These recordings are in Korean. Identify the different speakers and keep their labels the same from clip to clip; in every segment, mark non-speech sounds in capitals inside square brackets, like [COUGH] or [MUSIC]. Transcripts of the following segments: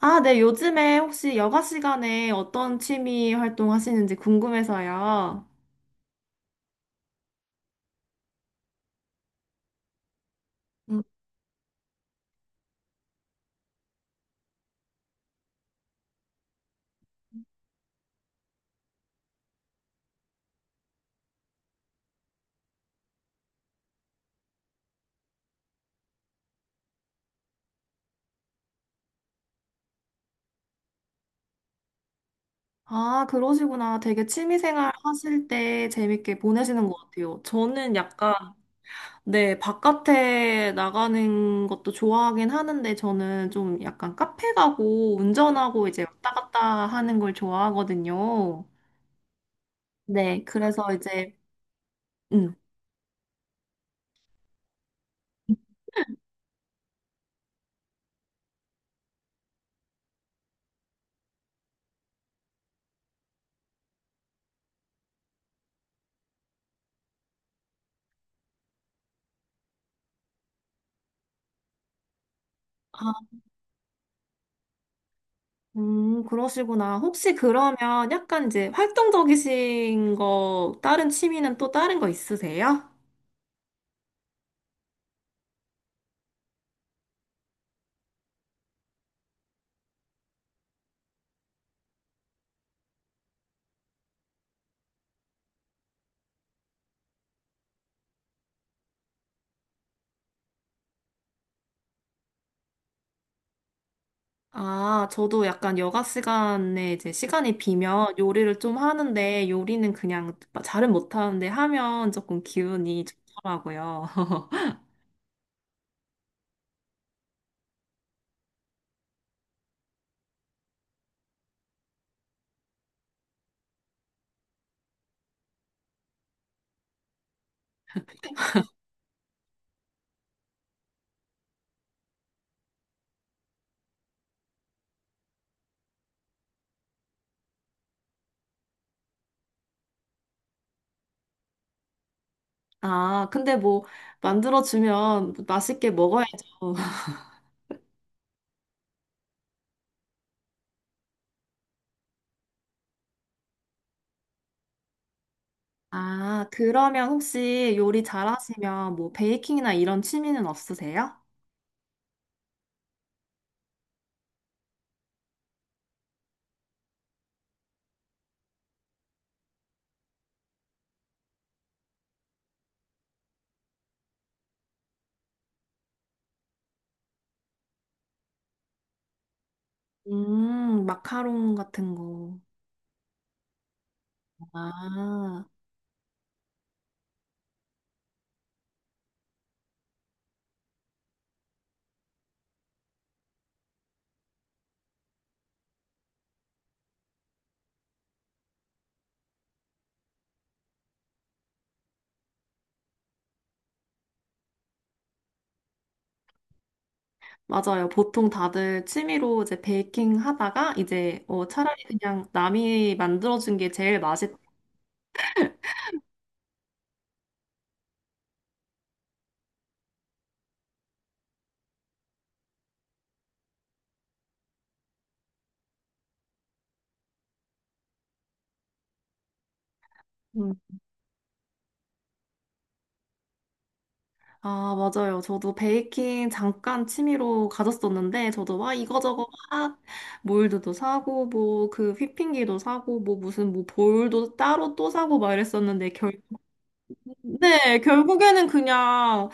Speaker 1: 아, 네, 요즘에 혹시 여가 시간에 어떤 취미 활동 하시는지 궁금해서요. 음, 아, 그러시구나. 되게 취미 생활 하실 때 재밌게 보내시는 것 같아요. 저는 약간, 네, 바깥에 나가는 것도 좋아하긴 하는데, 저는 좀 약간 카페 가고 운전하고 이제 왔다 갔다 하는 걸 좋아하거든요. 네, 그래서 이제, 음. 그러시구나. 혹시 그러면 약간 이제 활동적이신 거, 다른 취미는 또 다른 거 있으세요? 아, 저도 약간 여가 시간에 이제 시간이 비면 요리를 좀 하는데 요리는 그냥 잘은 못하는데 하면 조금 기운이 좋더라고요. [LAUGHS] 아, 근데 뭐 만들어주면 맛있게 먹어야죠. [LAUGHS] 아, 그러면 혹시 요리 잘하시면 뭐 베이킹이나 이런 취미는 없으세요? 마카롱 같은 거. 아, 맞아요. 보통 다들 취미로 이제 베이킹 하다가 이제 어, 차라리 그냥 남이 만들어준 게 제일 맛있 음. 아, 맞아요. 저도 베이킹 잠깐 취미로 가졌었는데, 저도 와, 이거저거 막, 몰드도 사고, 뭐, 그 휘핑기도 사고, 뭐, 무슨, 뭐, 볼도 따로 또 사고 막 이랬었는데, 결, 네, 결국에는 그냥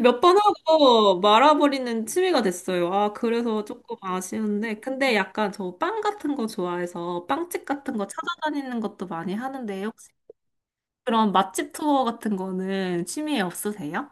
Speaker 1: 몇 번 하고 말아버리는 취미가 됐어요. 아, 그래서 조금 아쉬운데. 근데 약간 저 빵 같은 거 좋아해서 빵집 같은 거 찾아다니는 것도 많이 하는데, 혹시 그런 맛집 투어 같은 거는 취미에 없으세요?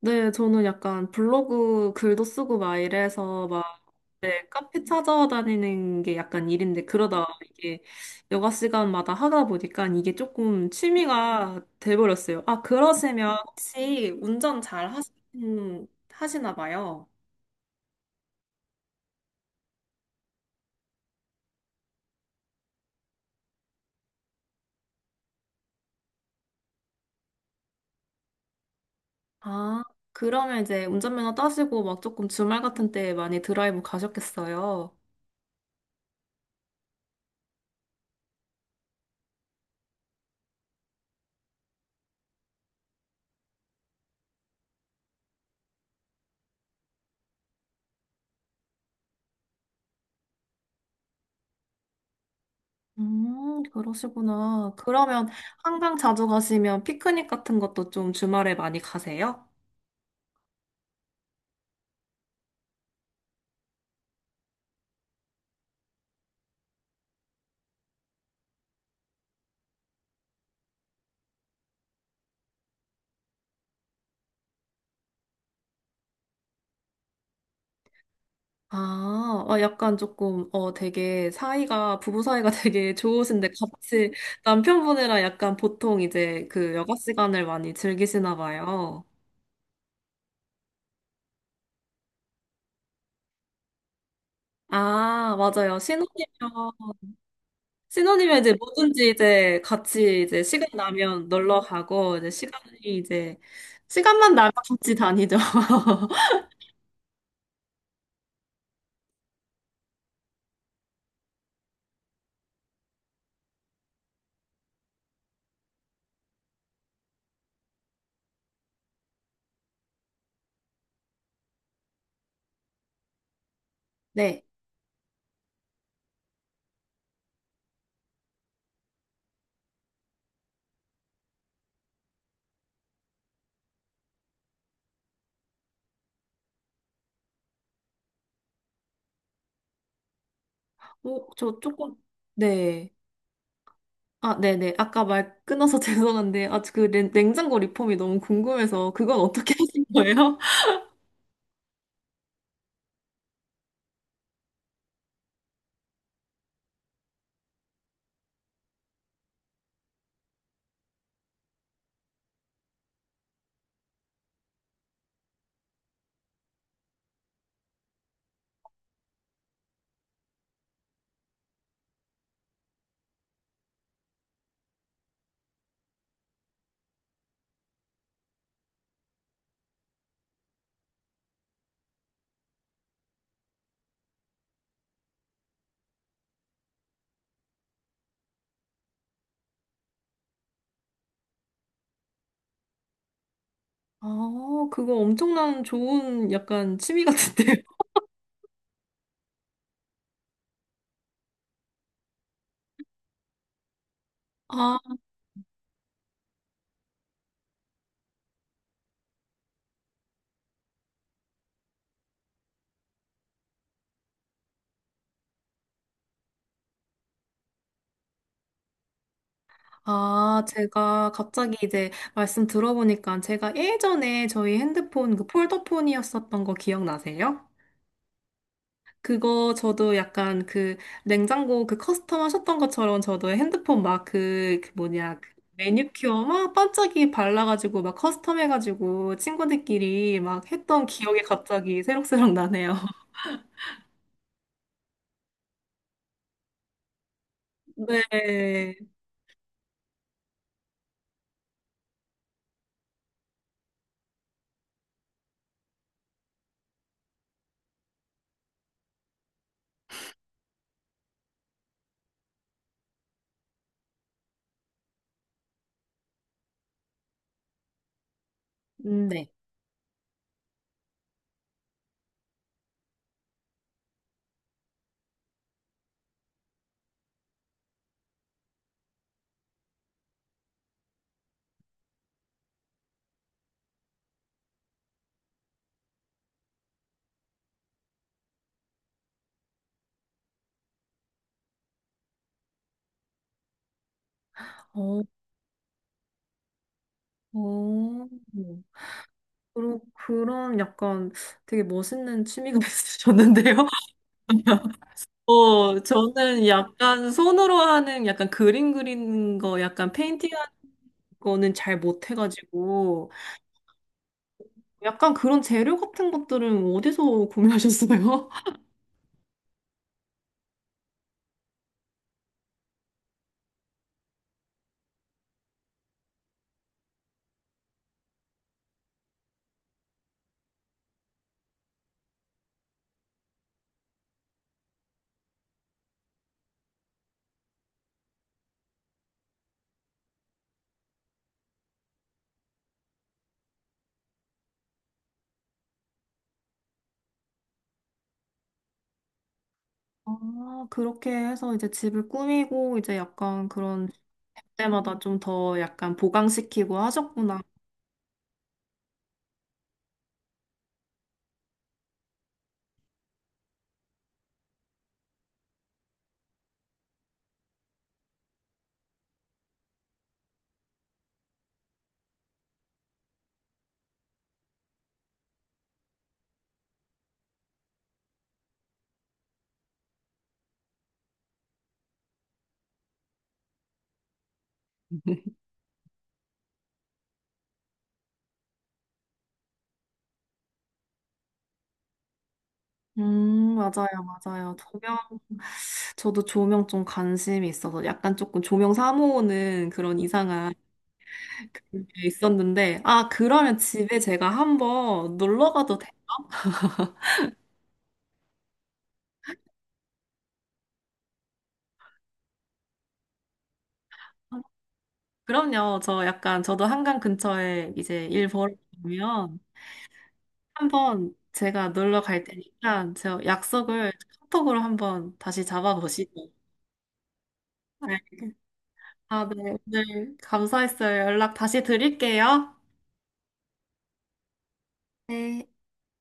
Speaker 1: 네, 저는 약간 블로그 글도 쓰고 막 이래서 네, 카페 찾아다니는 게 약간 일인데, 그러다 이게 여가 시간마다 하다 보니까 이게 조금 취미가 돼버렸어요. 아, 그러시면 혹시 운전 잘 하시 하시나 봐요. 아, 그러면 이제 운전면허 따시고 막 조금 주말 같은 때 많이 드라이브 가셨겠어요. 그러시구나. 그러면 한강 자주 가시면 피크닉 같은 것도 좀 주말에 많이 가세요? 아, 아, 약간 조금, 어, 되게 사이가, 부부 사이가 [LAUGHS] 되게 좋으신데 같이 남편분이랑 약간 보통 이제 그 여가 시간을 많이 즐기시나 봐요. 아, 맞아요. 신혼이면, 신혼이면 이제 뭐든지 이제 같이 이제 시간 나면 놀러 가고, 이제 시간이 이제, 시간만 나면 같이 다니죠. [LAUGHS] 네. 어, 저 조금, 네. 아, 네네. 아까 말 끊어서 [LAUGHS] 죄송한데, 아, 냉장고 리폼이 너무 궁금해서, 그건 어떻게 하신 거예요? [LAUGHS] 아, 그거 엄청난 좋은 약간 취미 같은데요? [LAUGHS] 아, 아, 제가 갑자기 이제 말씀 들어보니까 제가 예전에 저희 핸드폰 그 폴더폰이었었던 거 기억나세요? 그거 저도 약간 그 냉장고 그 커스텀 하셨던 것처럼 저도 핸드폰 막 그 뭐냐 그 매니큐어 막 반짝이 발라가지고 막 커스텀 해가지고 친구들끼리 막 했던 기억이 갑자기 새록새록 나네요. [LAUGHS] 네. 음. 네. 어, 어. 그런 약간 되게 멋있는 취미가 [LAUGHS] 있으셨는데요. [LAUGHS] 어, 저는 약간 손으로 하는 약간 그림 그리는 거 약간 페인팅 거는 잘 못해가지고 약간 그런 재료 같은 것들은 어디서 구매하셨어요? [LAUGHS] 아, 그렇게 해서 이제 집을 꾸미고 이제 약간 그런 때마다 좀 더 약간 보강시키고 하셨구나. 맞아요, 맞아요. 조명, 저도 조명 좀 관심이 있어서 약간 조금 조명 사모으는 그런 이상한 그런 게 있었는데, 아, 그러면 집에 제가 한번 놀러 가도 돼요? 그럼요. 저 약간 저도 한강 근처에 이제 일 벌어보면 한 번 제가 놀러 갈 테니까 저 약속을 카톡으로 한번 다시 잡아보시죠. 네. 아, 네. 오늘 감사했어요. 연락 다시 드릴게요. 네.